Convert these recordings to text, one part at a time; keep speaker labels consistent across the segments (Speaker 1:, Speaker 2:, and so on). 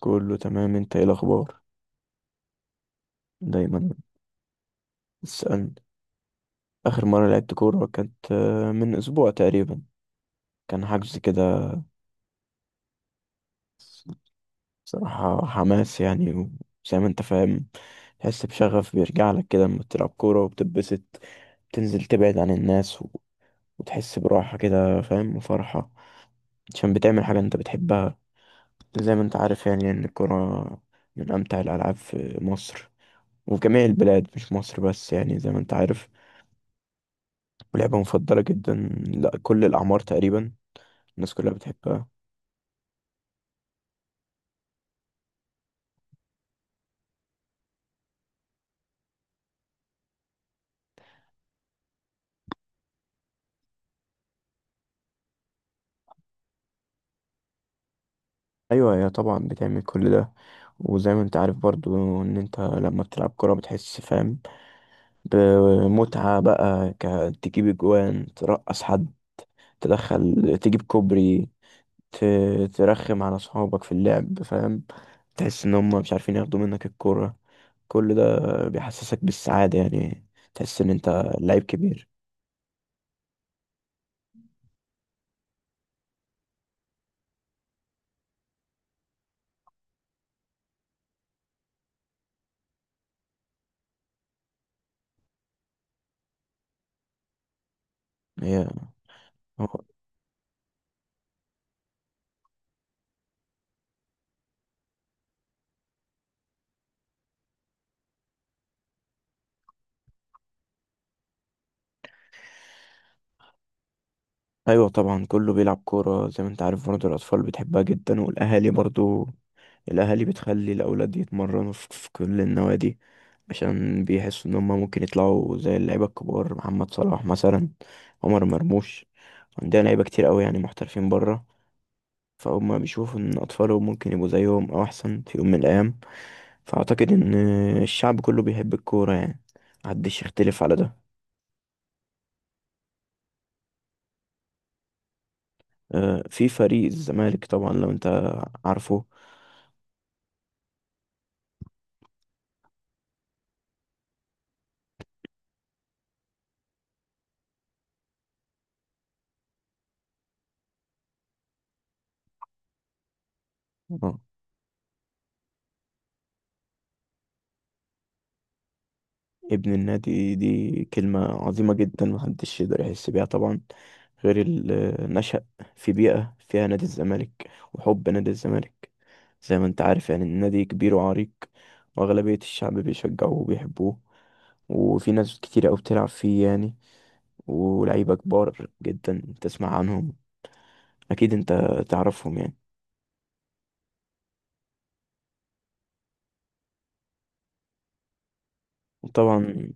Speaker 1: كله تمام. انت ايه الاخبار؟ دايما. اسألني. اخر مرة لعبت كورة كانت من اسبوع تقريبا. كان حجز كده. بصراحة حماس، يعني وزي ما انت فاهم، تحس بشغف بيرجع لك كده لما بتلعب كورة وبتتبسط، تنزل تبعد عن الناس، وتحس براحة كده، فاهم، وفرحة، عشان بتعمل حاجة انت بتحبها. زي ما انت عارف يعني ان الكورة من امتع الالعاب في مصر، وفي جميع البلاد مش مصر بس، يعني زي ما انت عارف. ولعبة مفضلة جدا، لا، كل الأعمار تقريبا الناس كلها بتحبها. أيوة، هي طبعا بتعمل كل ده. وزي ما انت عارف برضو ان انت لما بتلعب كرة بتحس، فاهم، بمتعة بقى، تجيب اجوان، ترقص حد، تدخل تجيب كوبري، ترخم على صحابك في اللعب، فاهم. تحس ان هم مش عارفين ياخدوا منك الكرة. كل ده بيحسسك بالسعادة يعني. تحس ان انت لعيب كبير. هي ايوه طبعا كله بيلعب كوره، زي ما انت عارف برضه. الاطفال بتحبها جدا والاهالي برضه. الاهالي بتخلي الاولاد يتمرنوا في كل النوادي، عشان بيحسوا ان هم ممكن يطلعوا زي اللعيبه الكبار، محمد صلاح مثلا، عمر مرموش. عندنا لعيبه كتير قوي يعني، محترفين بره. فهم بيشوفوا ان اطفالهم ممكن يبقوا زيهم او احسن في يوم من الايام. فاعتقد ان الشعب كله بيحب الكوره يعني. محدش يختلف على ده. في فريق الزمالك طبعا، لو انت عارفه. ابن النادي دي كلمة عظيمة جدا، محدش يقدر يحس بيها طبعا غير اللي نشأ في بيئة فيها نادي الزمالك وحب نادي الزمالك. زي ما انت عارف يعني النادي كبير وعريق، وأغلبية الشعب بيشجعوه وبيحبوه، وفي ناس كتير أوي بتلعب فيه يعني، ولعيبة كبار جدا تسمع عنهم، أكيد انت تعرفهم يعني. وطبعا.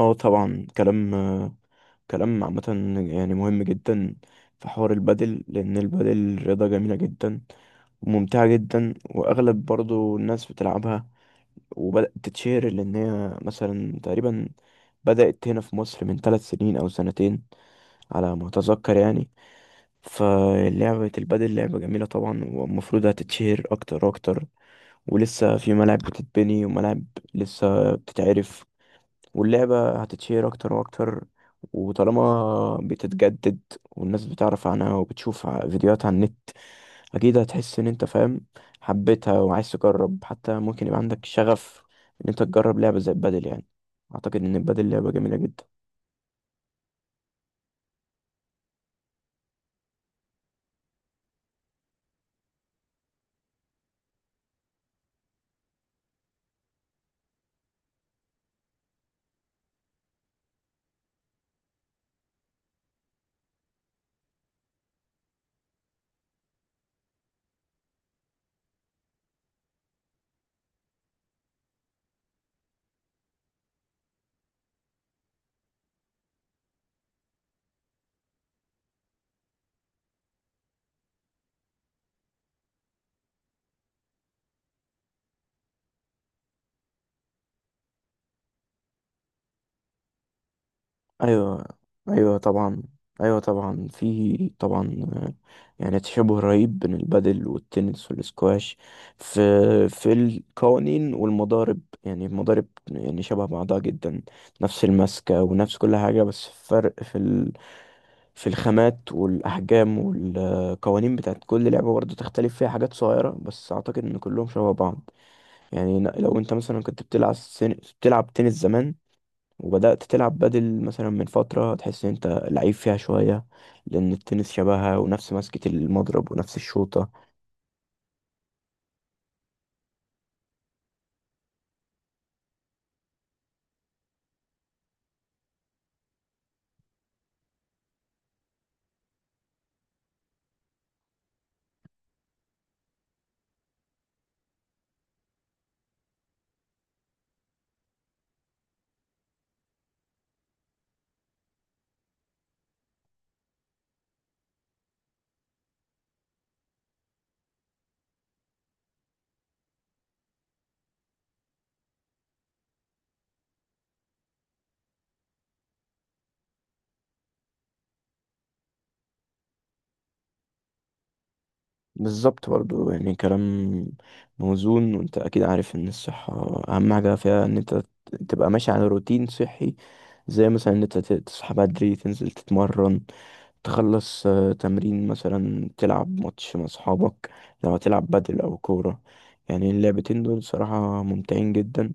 Speaker 1: اه طبعا، كلام عامة يعني مهم جدا في حوار البادل، لأن البادل رياضة جميلة جدا وممتعة جدا، وأغلب برضو الناس بتلعبها. وبدأت تتشهر لأن هي مثلا تقريبا بدأت هنا في مصر من 3 سنين أو سنتين على ما أتذكر يعني. فلعبة البادل لعبة جميلة طبعا، والمفروض هتتشهر أكتر وأكتر، ولسه في ملاعب بتتبني، وملاعب لسه بتتعرف. واللعبة هتتشير أكتر وأكتر، وطالما بتتجدد والناس بتعرف عنها وبتشوف فيديوهات على النت، أكيد هتحس إن أنت، فاهم، حبيتها وعايز تجرب. حتى ممكن يبقى عندك شغف إن أنت تجرب لعبة زي البادل يعني. أعتقد إن البادل لعبة جميلة جدا. ايوه، ايوه طبعا، ايوه طبعا، في طبعا، يعني تشابه رهيب بين البادل والتنس والسكواش، في في القوانين والمضارب، يعني المضارب يعني شبه بعضها جدا، نفس المسكة ونفس كل حاجة. بس فرق في الخامات والأحجام، والقوانين بتاعت كل لعبة برضه تختلف فيها حاجات صغيرة، بس أعتقد إن كلهم شبه بعض. يعني لو أنت مثلا كنت بتلعب تنس زمان، وبدأت تلعب بدل مثلا من فترة، تحس ان انت لعيب فيها شوية، لأن التنس شبهها، ونفس مسكة المضرب ونفس الشوطة. بالظبط برضو يعني، كلام موزون. وانت أكيد عارف ان الصحة أهم حاجة فيها ان انت تبقى ماشي على روتين صحي، زي مثلا ان انت تصحى بدري، تنزل تتمرن، تخلص تمرين، مثلا تلعب ماتش مع صحابك، لو هتلعب بدل أو كورة. يعني اللعبتين دول صراحة ممتعين جدا.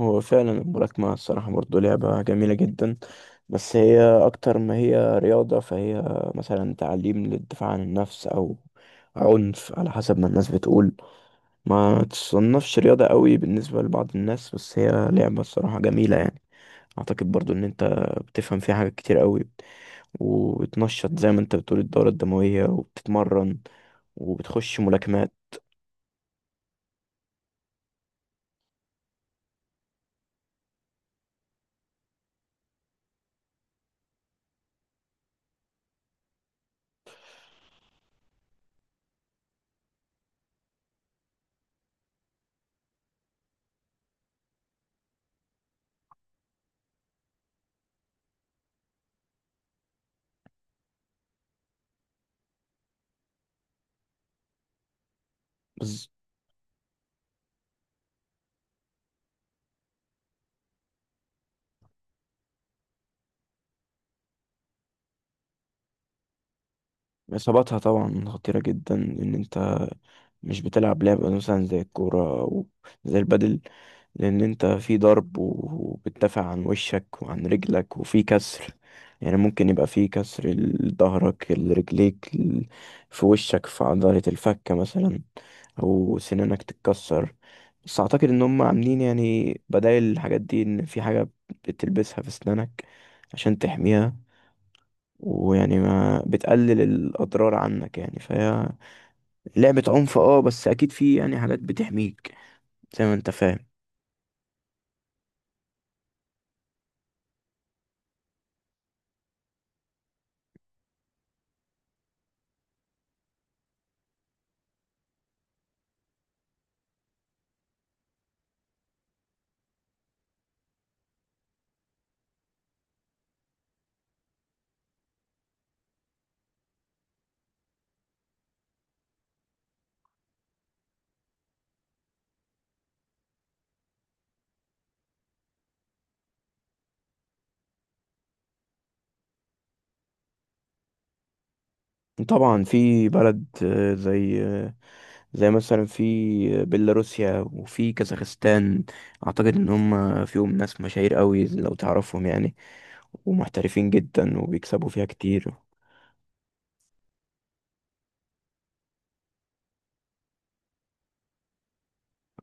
Speaker 1: هو فعلا الملاكمة الصراحة برضه لعبة جميلة جدا، بس هي أكتر ما هي رياضة. فهي مثلا تعليم للدفاع عن النفس، أو عنف على حسب ما الناس بتقول. ما تصنفش رياضة قوي بالنسبة لبعض الناس، بس هي لعبة الصراحة جميلة يعني. أعتقد برضه إن أنت بتفهم فيها حاجات كتير قوي، وبتنشط زي ما أنت بتقول الدورة الدموية، وبتتمرن، وبتخش ملاكمات. بس إصاباتها طبعا خطيرة جدا، إن أنت مش بتلعب لعبة مثلا زي الكورة أو زي البادل، لأن أنت في ضرب، وبتدافع عن وشك وعن رجلك، وفي كسر، يعني ممكن يبقى في كسر لظهرك، لرجليك، في وشك، في عضلة الفك مثلا، أو سنانك تتكسر. بس أعتقد إن هم عاملين يعني بدايل الحاجات دي، إن في حاجة بتلبسها في سنانك عشان تحميها، ويعني ما بتقلل الأضرار عنك. يعني فهي لعبة عنف، بس اكيد في يعني حاجات بتحميك، زي ما انت فاهم. طبعا في بلد، زي، زي مثلا في بيلاروسيا وفي كازاخستان، اعتقد ان هم فيهم ناس مشاهير قوي لو تعرفهم يعني، ومحترفين جدا وبيكسبوا فيها كتير.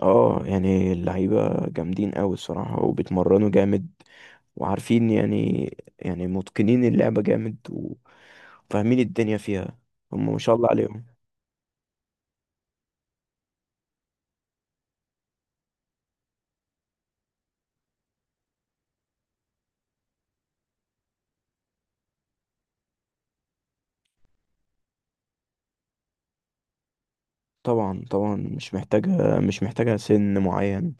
Speaker 1: اه، يعني اللعيبة جامدين قوي الصراحة، وبيتمرنوا جامد، وعارفين يعني، متقنين اللعبة جامد، وفاهمين الدنيا فيها. هم ما شاء الله عليهم. طبعا، طبعا مش محتاجة، مش محتاجة سن معين.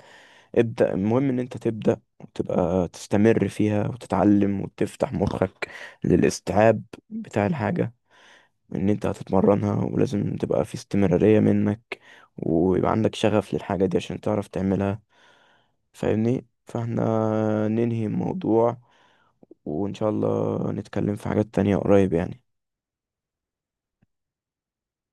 Speaker 1: ابدأ. المهم ان انت تبدأ وتبقى تستمر فيها وتتعلم، وتفتح مخك للاستيعاب بتاع الحاجة، ان انت هتتمرنها ولازم تبقى في استمرارية منك، ويبقى عندك شغف للحاجة دي عشان تعرف تعملها. فاهمني؟ فاحنا ننهي الموضوع، وان شاء الله نتكلم في حاجات تانية قريب يعني.